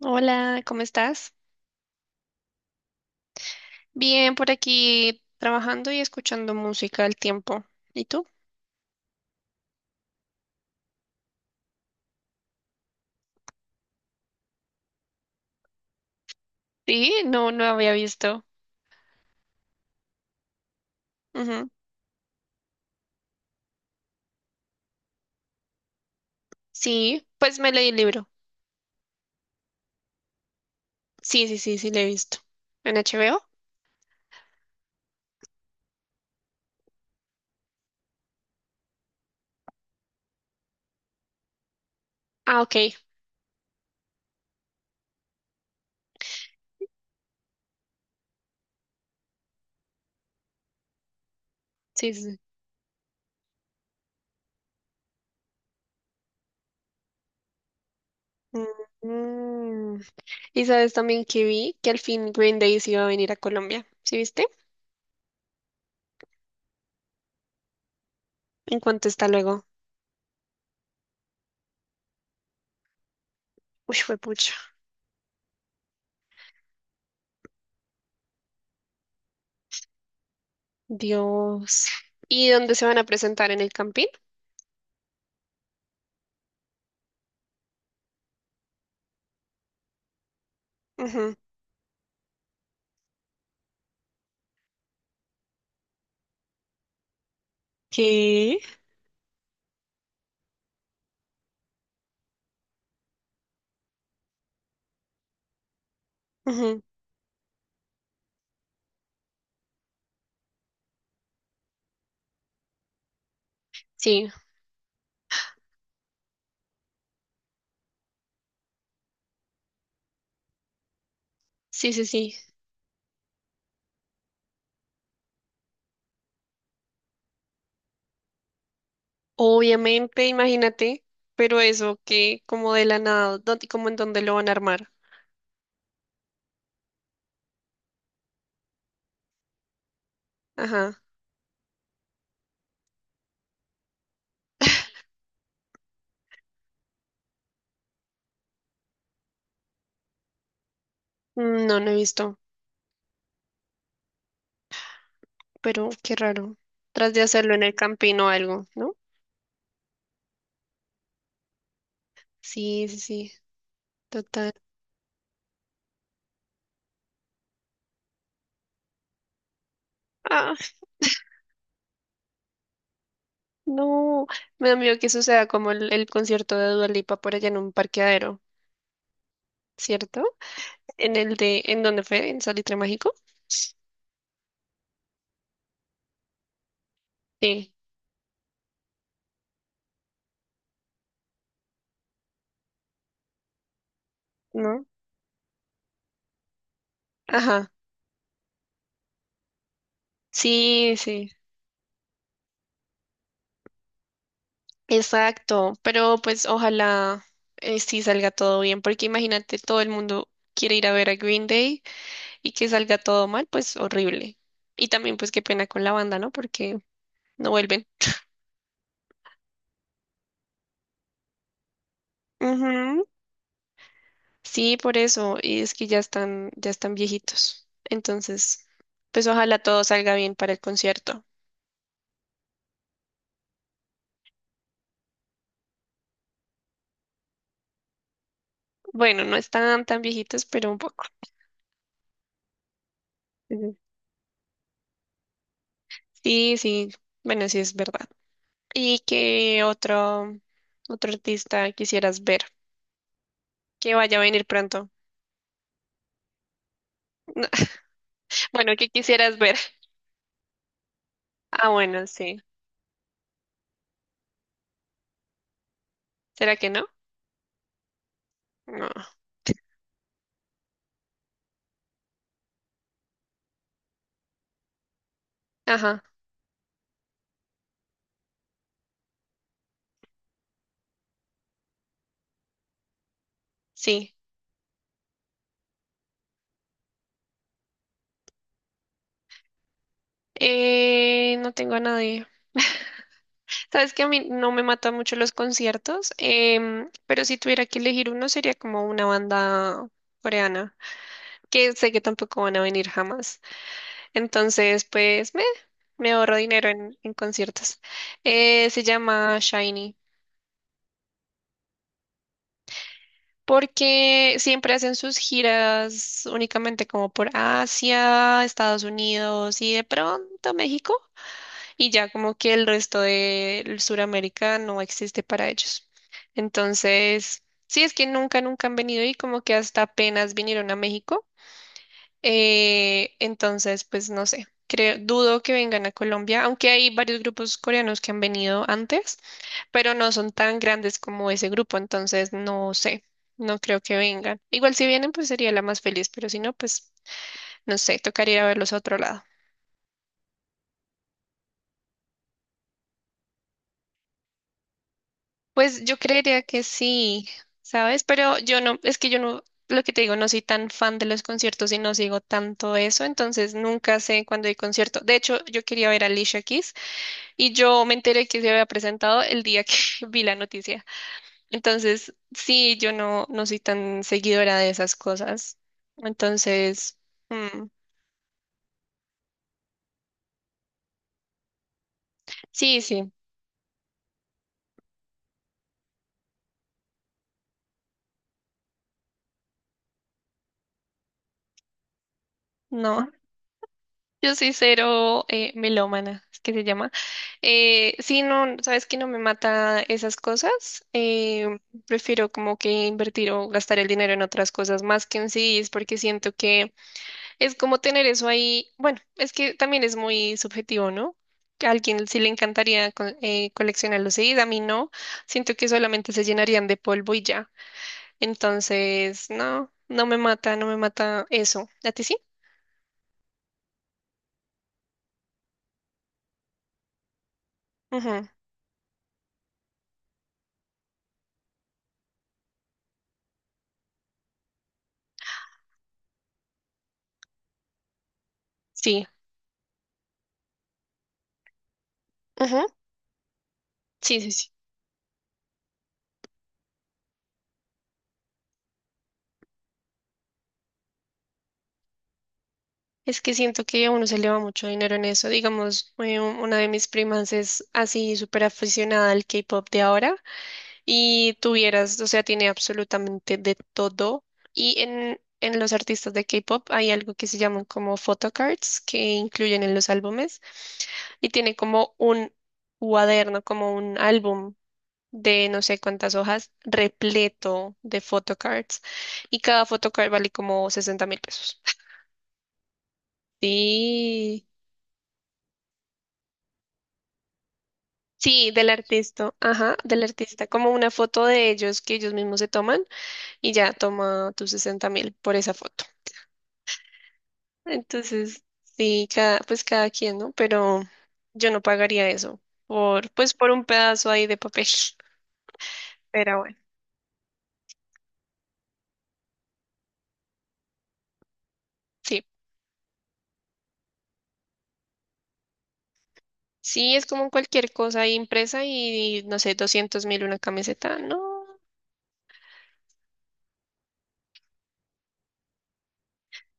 Hola, ¿cómo estás? Bien, por aquí trabajando y escuchando música al tiempo. ¿Y tú? Sí, no, no había visto. Ujú. Sí, pues me leí el libro. Sí, sí, sí, sí, le he visto. ¿En HBO? Ah, ok. Sí, sí. Sí. Mm. Y sabes también que vi que al fin Green Day se iba a venir a Colombia. ¿Sí viste? ¿En cuánto está luego? Uy, fue pucha. Dios. ¿Y dónde se van a presentar? ¿En el Campín? Ujú. ¿Qué? Ujú. Sí, sí, sí, sí. Obviamente, imagínate, pero eso que como de la nada, ¿dónde, como en dónde lo van a armar? Ajá. Mm, no, no he visto, pero qué raro. Tras de hacerlo en el campino o algo, ¿no? Sí, sí, sí, total. Ah, no, me da miedo que suceda como el concierto de Dua Lipa por allá en un parqueadero, ¿cierto? En el de, ¿en dónde fue? ¿En Salitre Mágico? Sí, ¿no? Ajá. Sí, sí. Exacto, pero pues ojalá sí salga todo bien, porque imagínate, todo el mundo quiere ir a ver a Green Day y que salga todo mal, pues horrible. Y también pues qué pena con la banda, ¿no? Porque no vuelven. Ujú. Sí, por eso, y es que ya están viejitos. Entonces, pues ojalá todo salga bien para el concierto. Bueno, no están tan viejitos, pero un poco. Ujú. Sí, sí, bueno, sí es verdad. ¿Y qué otro, otro artista quisieras ver? Que vaya a venir pronto. No. Bueno, ¿qué quisieras ver? Ah, bueno, sí. ¿Será que no? No. Ajá, sí. No tengo a nadie. Sabes que a mí no me matan mucho los conciertos. Em, pero si tuviera que elegir uno sería como una banda coreana, que sé que tampoco van a venir jamás. Entonces, pues me ahorro dinero en conciertos. Se llama Shiny. Porque siempre hacen sus giras únicamente como por Asia, Estados Unidos y de pronto México, y ya como que el resto de Sudamérica no existe para ellos. Entonces, sí, es que nunca, nunca han venido y como que hasta apenas vinieron a México. Entonces, pues no sé, creo, dudo que vengan a Colombia, aunque hay varios grupos coreanos que han venido antes, pero no son tan grandes como ese grupo, entonces no sé, no creo que vengan. Igual si vienen, pues sería la más feliz, pero si no, pues no sé, tocaría ir a verlos a otro lado. Pues yo creería que sí, ¿sabes? Pero yo no, es que yo no, lo que te digo, no soy tan fan de los conciertos y no sigo tanto eso, entonces nunca sé cuándo hay concierto. De hecho, yo quería ver a Alicia Keys y yo me enteré que se había presentado el día que vi la noticia. Entonces, sí, yo no, no soy tan seguidora de esas cosas. Entonces, mm, sí, sí, no. Yo soy cero melómana, es que se llama. Sí, no, sabes que no me mata esas cosas. Prefiero como que invertir o gastar el dinero en otras cosas más que en CDs, porque siento que es como tener eso ahí, bueno, es que también es muy subjetivo, ¿no? Que a alguien sí le encantaría coleccionar los CDs, a mí no. Siento que solamente se llenarían de polvo y ya. Entonces, no, no me mata, no me mata eso. ¿A ti sí? Ujú. Sí, ujú. Sí, sí, sí. Es que siento que a uno se le va mucho dinero en eso. Digamos, una de mis primas es así súper aficionada al K-pop de ahora. Y tuvieras, o sea, tiene absolutamente de todo. Y en los artistas de K-pop hay algo que se llaman como photocards que incluyen en los álbumes, y tiene como un cuaderno, como un álbum de no sé cuántas hojas repleto de photocards, y cada photocard vale como 60.000 pesos. Sí. Sí, del artista, ajá, del artista, como una foto de ellos que ellos mismos se toman y ya toma tus 60.000 por esa foto. Entonces, sí, cada, pues cada quien, ¿no? Pero yo no pagaría eso por, pues por un pedazo ahí de papel. Pero bueno, sí. Sí, es como cualquier cosa ahí impresa y, no sé, 200.000 una camiseta. No,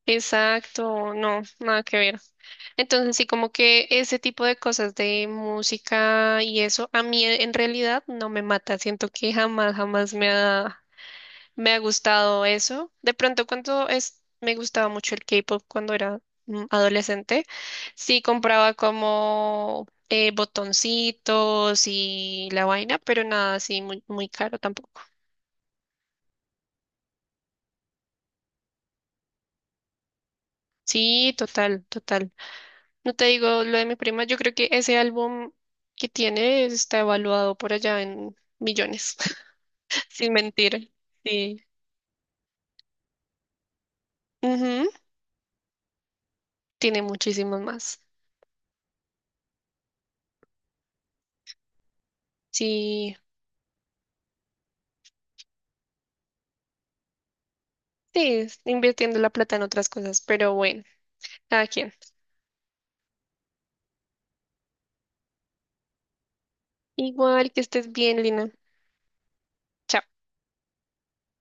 exacto, no, nada que ver. Entonces, sí, como que ese tipo de cosas de música y eso, a mí en realidad no me mata. Siento que jamás, jamás me ha me ha gustado eso. De pronto, cuando es, me gustaba mucho el K-pop cuando era adolescente, sí compraba como botoncitos y la vaina, pero nada así muy, muy caro tampoco. Sí, total, total. No te digo, lo de mi prima, yo creo que ese álbum que tiene está evaluado por allá en millones, sin mentir. Sí. Ujú. Tiene muchísimos más. Sí, sí, es invirtiendo la plata en otras cosas, pero bueno. Cada quien. Igual que estés bien, Lina. Chao.